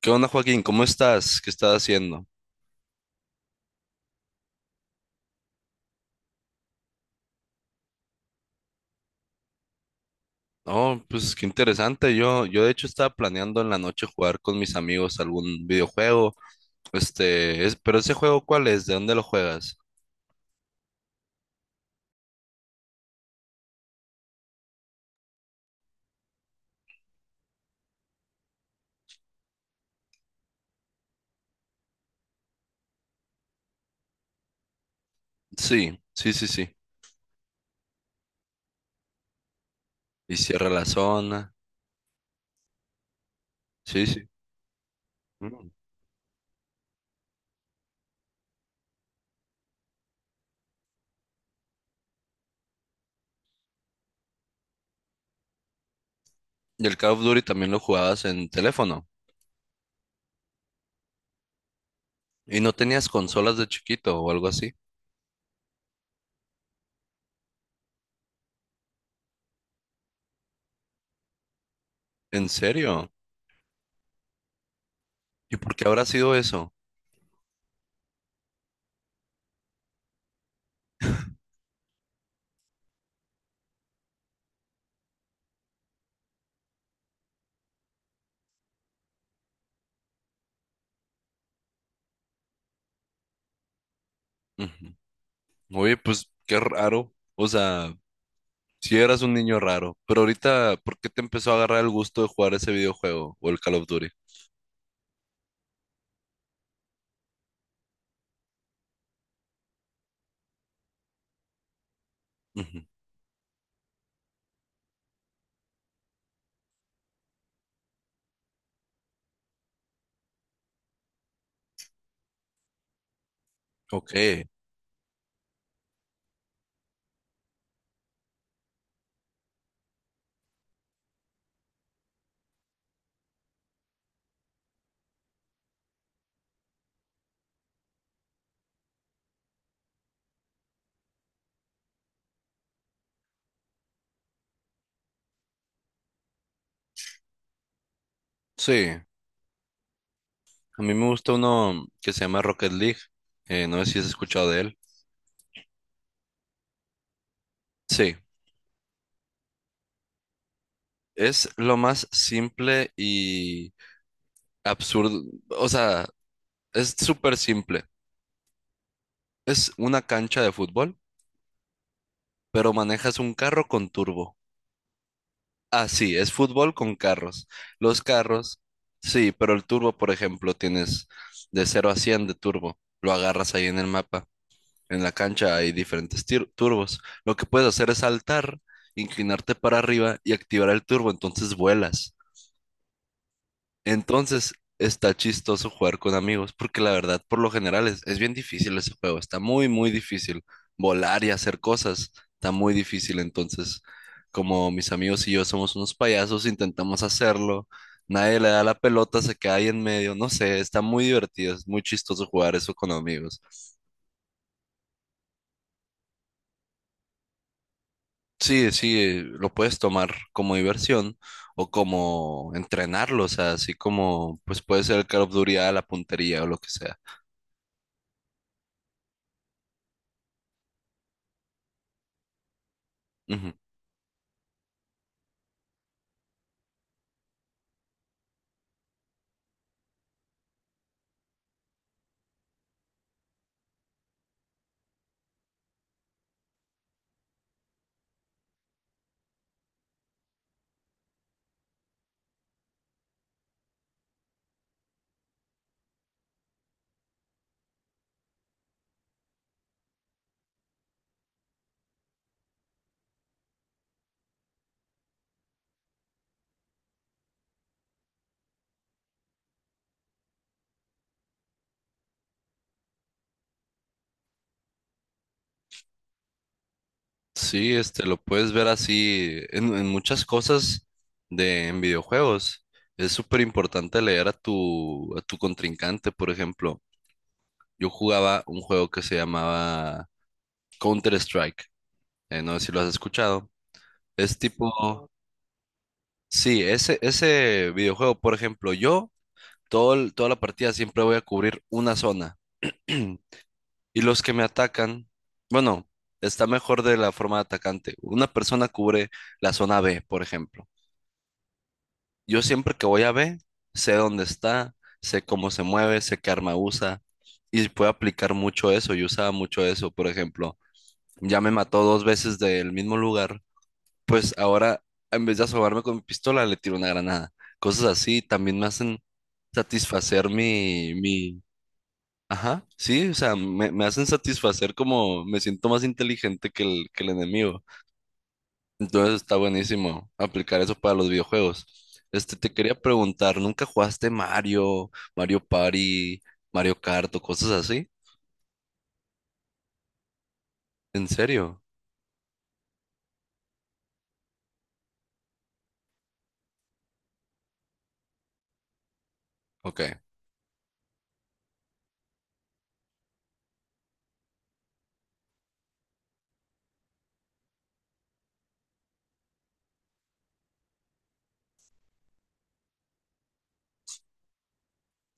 ¿Qué onda, Joaquín? ¿Cómo estás? ¿Qué estás haciendo? Oh, pues qué interesante. Yo de hecho estaba planeando en la noche jugar con mis amigos algún videojuego. Pero ese juego, ¿cuál es? ¿De dónde lo juegas? Sí, sí, sí, sí. Y cierra la zona. Sí, sí. Mm. Y el Call of Duty también lo jugabas en teléfono. ¿Y no tenías consolas de chiquito o algo así? ¿En serio? ¿Y por qué habrá sido eso? Ujú. Oye, pues qué raro. O sea, si eras un niño raro, pero ahorita, ¿por qué te empezó a agarrar el gusto de jugar ese videojuego o el Call of Duty? Ujú. Ok, sí, a mí me gusta uno que se llama Rocket League, no sé si has escuchado de él. Sí, es lo más simple y absurdo, o sea, es súper simple. Es una cancha de fútbol, pero manejas un carro con turbo. Ah, sí, es fútbol con carros. Los carros, sí, pero el turbo, por ejemplo, tienes de cero a 100 de turbo. Lo agarras ahí en el mapa. En la cancha hay diferentes turbos. Lo que puedes hacer es saltar, inclinarte para arriba y activar el turbo. Entonces vuelas. Entonces está chistoso jugar con amigos, porque la verdad, por lo general, es bien difícil ese juego. Está muy, muy difícil. Volar y hacer cosas está muy difícil. Entonces, como mis amigos y yo somos unos payasos, intentamos hacerlo. Nadie le da la pelota, se queda ahí en medio. No sé, está muy divertido. Es muy chistoso jugar eso con amigos. Sí, sí, lo puedes tomar como diversión o como entrenarlo. O sea, así como, pues puede ser el Call of Duty a la puntería o lo que sea. Ujú. Sí, este, lo puedes ver así en muchas cosas de en videojuegos. Es súper importante leer a a tu contrincante, por ejemplo. Yo jugaba un juego que se llamaba Counter-Strike. No sé si lo has escuchado. Es tipo, no. Sí, ese videojuego, por ejemplo, yo toda la partida siempre voy a cubrir una zona. Y los que me atacan, bueno, está mejor de la forma de atacante. Una persona cubre la zona B, por ejemplo. Yo siempre que voy a B, sé dónde está, sé cómo se mueve, sé qué arma usa y puedo aplicar mucho eso. Yo usaba mucho eso, por ejemplo, ya me mató dos veces del mismo lugar, pues ahora en vez de asomarme con mi pistola le tiro una granada. Cosas así también me hacen satisfacer ajá, sí, o sea, me hacen satisfacer como me siento más inteligente que que el enemigo. Entonces está buenísimo aplicar eso para los videojuegos. Este, te quería preguntar, ¿nunca jugaste Mario, Mario Party, Mario Kart o cosas así? ¿En serio? Ok.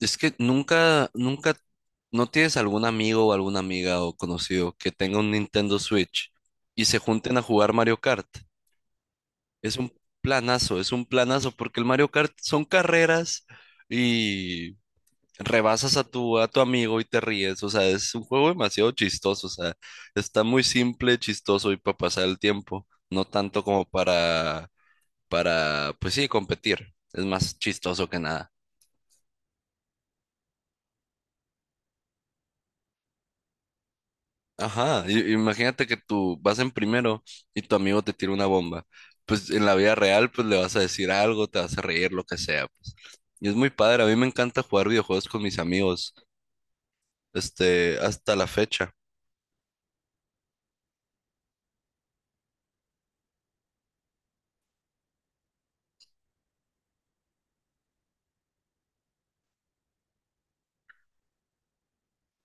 Es que nunca, ¿no tienes algún amigo o alguna amiga o conocido que tenga un Nintendo Switch y se junten a jugar Mario Kart? Es un es un planazo, porque el Mario Kart son carreras y rebasas a a tu amigo y te ríes. O sea, es un juego demasiado chistoso. O sea, está muy simple, chistoso y para pasar el tiempo. No tanto como para, pues sí, competir. Es más chistoso que nada. Ajá, imagínate que tú vas en primero y tu amigo te tira una bomba. Pues en la vida real, pues le vas a decir algo, te vas a reír, lo que sea, pues. Y es muy padre, a mí me encanta jugar videojuegos con mis amigos, este, hasta la fecha.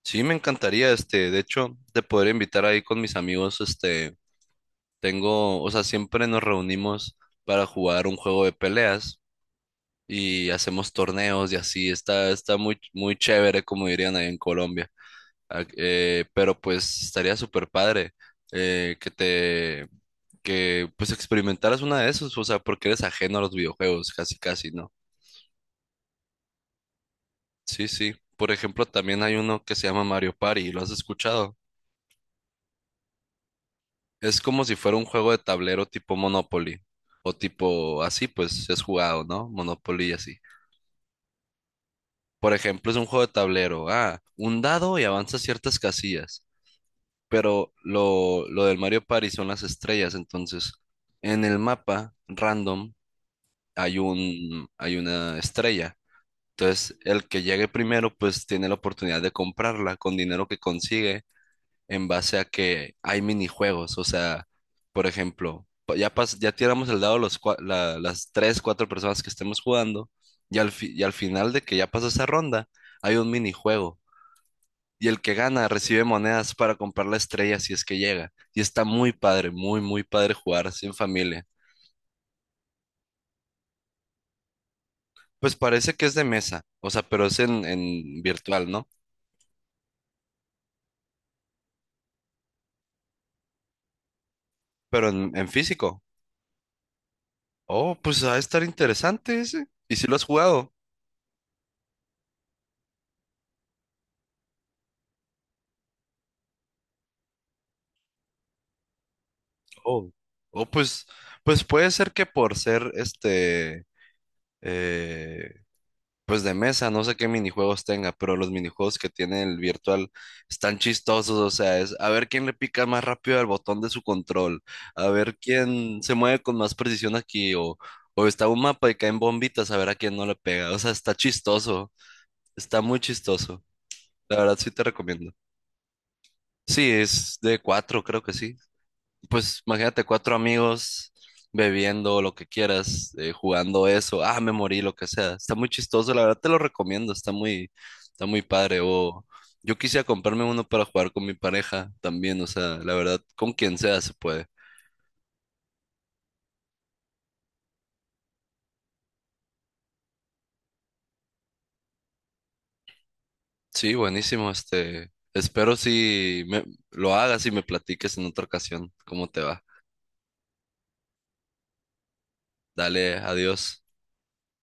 Sí, me encantaría, este, de hecho, te podría invitar ahí con mis amigos, este, tengo, o sea, siempre nos reunimos para jugar un juego de peleas y hacemos torneos y así, está, está muy, muy chévere, como dirían ahí en Colombia. Ah, pero pues estaría súper padre eh, que te, que pues experimentaras una de esos, o sea, porque eres ajeno a los videojuegos, casi, casi, ¿no? Sí, sí, por ejemplo, también hay uno que se llama Mario Party, ¿lo has escuchado? Es como si fuera un juego de tablero tipo Monopoly o tipo así, pues es jugado, ¿no? Monopoly y así. Por ejemplo, es un juego de tablero. Ah, un dado y avanza ciertas casillas. Pero lo del Mario Party son las estrellas. Entonces, en el mapa random hay hay una estrella. Entonces, el que llegue primero, pues tiene la oportunidad de comprarla con dinero que consigue en base a que hay minijuegos. O sea, por ejemplo, ya tiramos el dado las tres, cuatro personas que estemos jugando y y al final de que ya pasó esa ronda, hay un minijuego. Y el que gana recibe monedas para comprar la estrella si es que llega. Y está muy padre, muy, muy padre jugar así en familia. Pues parece que es de mesa, o sea, pero es en virtual, ¿no? Pero en físico. Oh, pues va a estar interesante ese. ¿Y si lo has jugado? Oh. O pues, pues puede ser que por ser este, eh, pues de mesa, no sé qué minijuegos tenga, pero los minijuegos que tiene el virtual están chistosos, o sea, es a ver quién le pica más rápido al botón de su control, a ver quién se mueve con más precisión aquí, o está un mapa y caen bombitas, a ver a quién no le pega, o sea, está chistoso, está muy chistoso, la verdad sí te recomiendo. Sí, es de cuatro, creo que sí. Pues imagínate cuatro amigos bebiendo lo que quieras, jugando eso, ah, me morí, lo que sea. Está muy chistoso, la verdad te lo recomiendo, está muy padre. O yo quisiera comprarme uno para jugar con mi pareja también, o sea, la verdad, con quien sea se puede. Sí, buenísimo, este, espero si lo hagas y me platiques en otra ocasión cómo te va. Dale, adiós.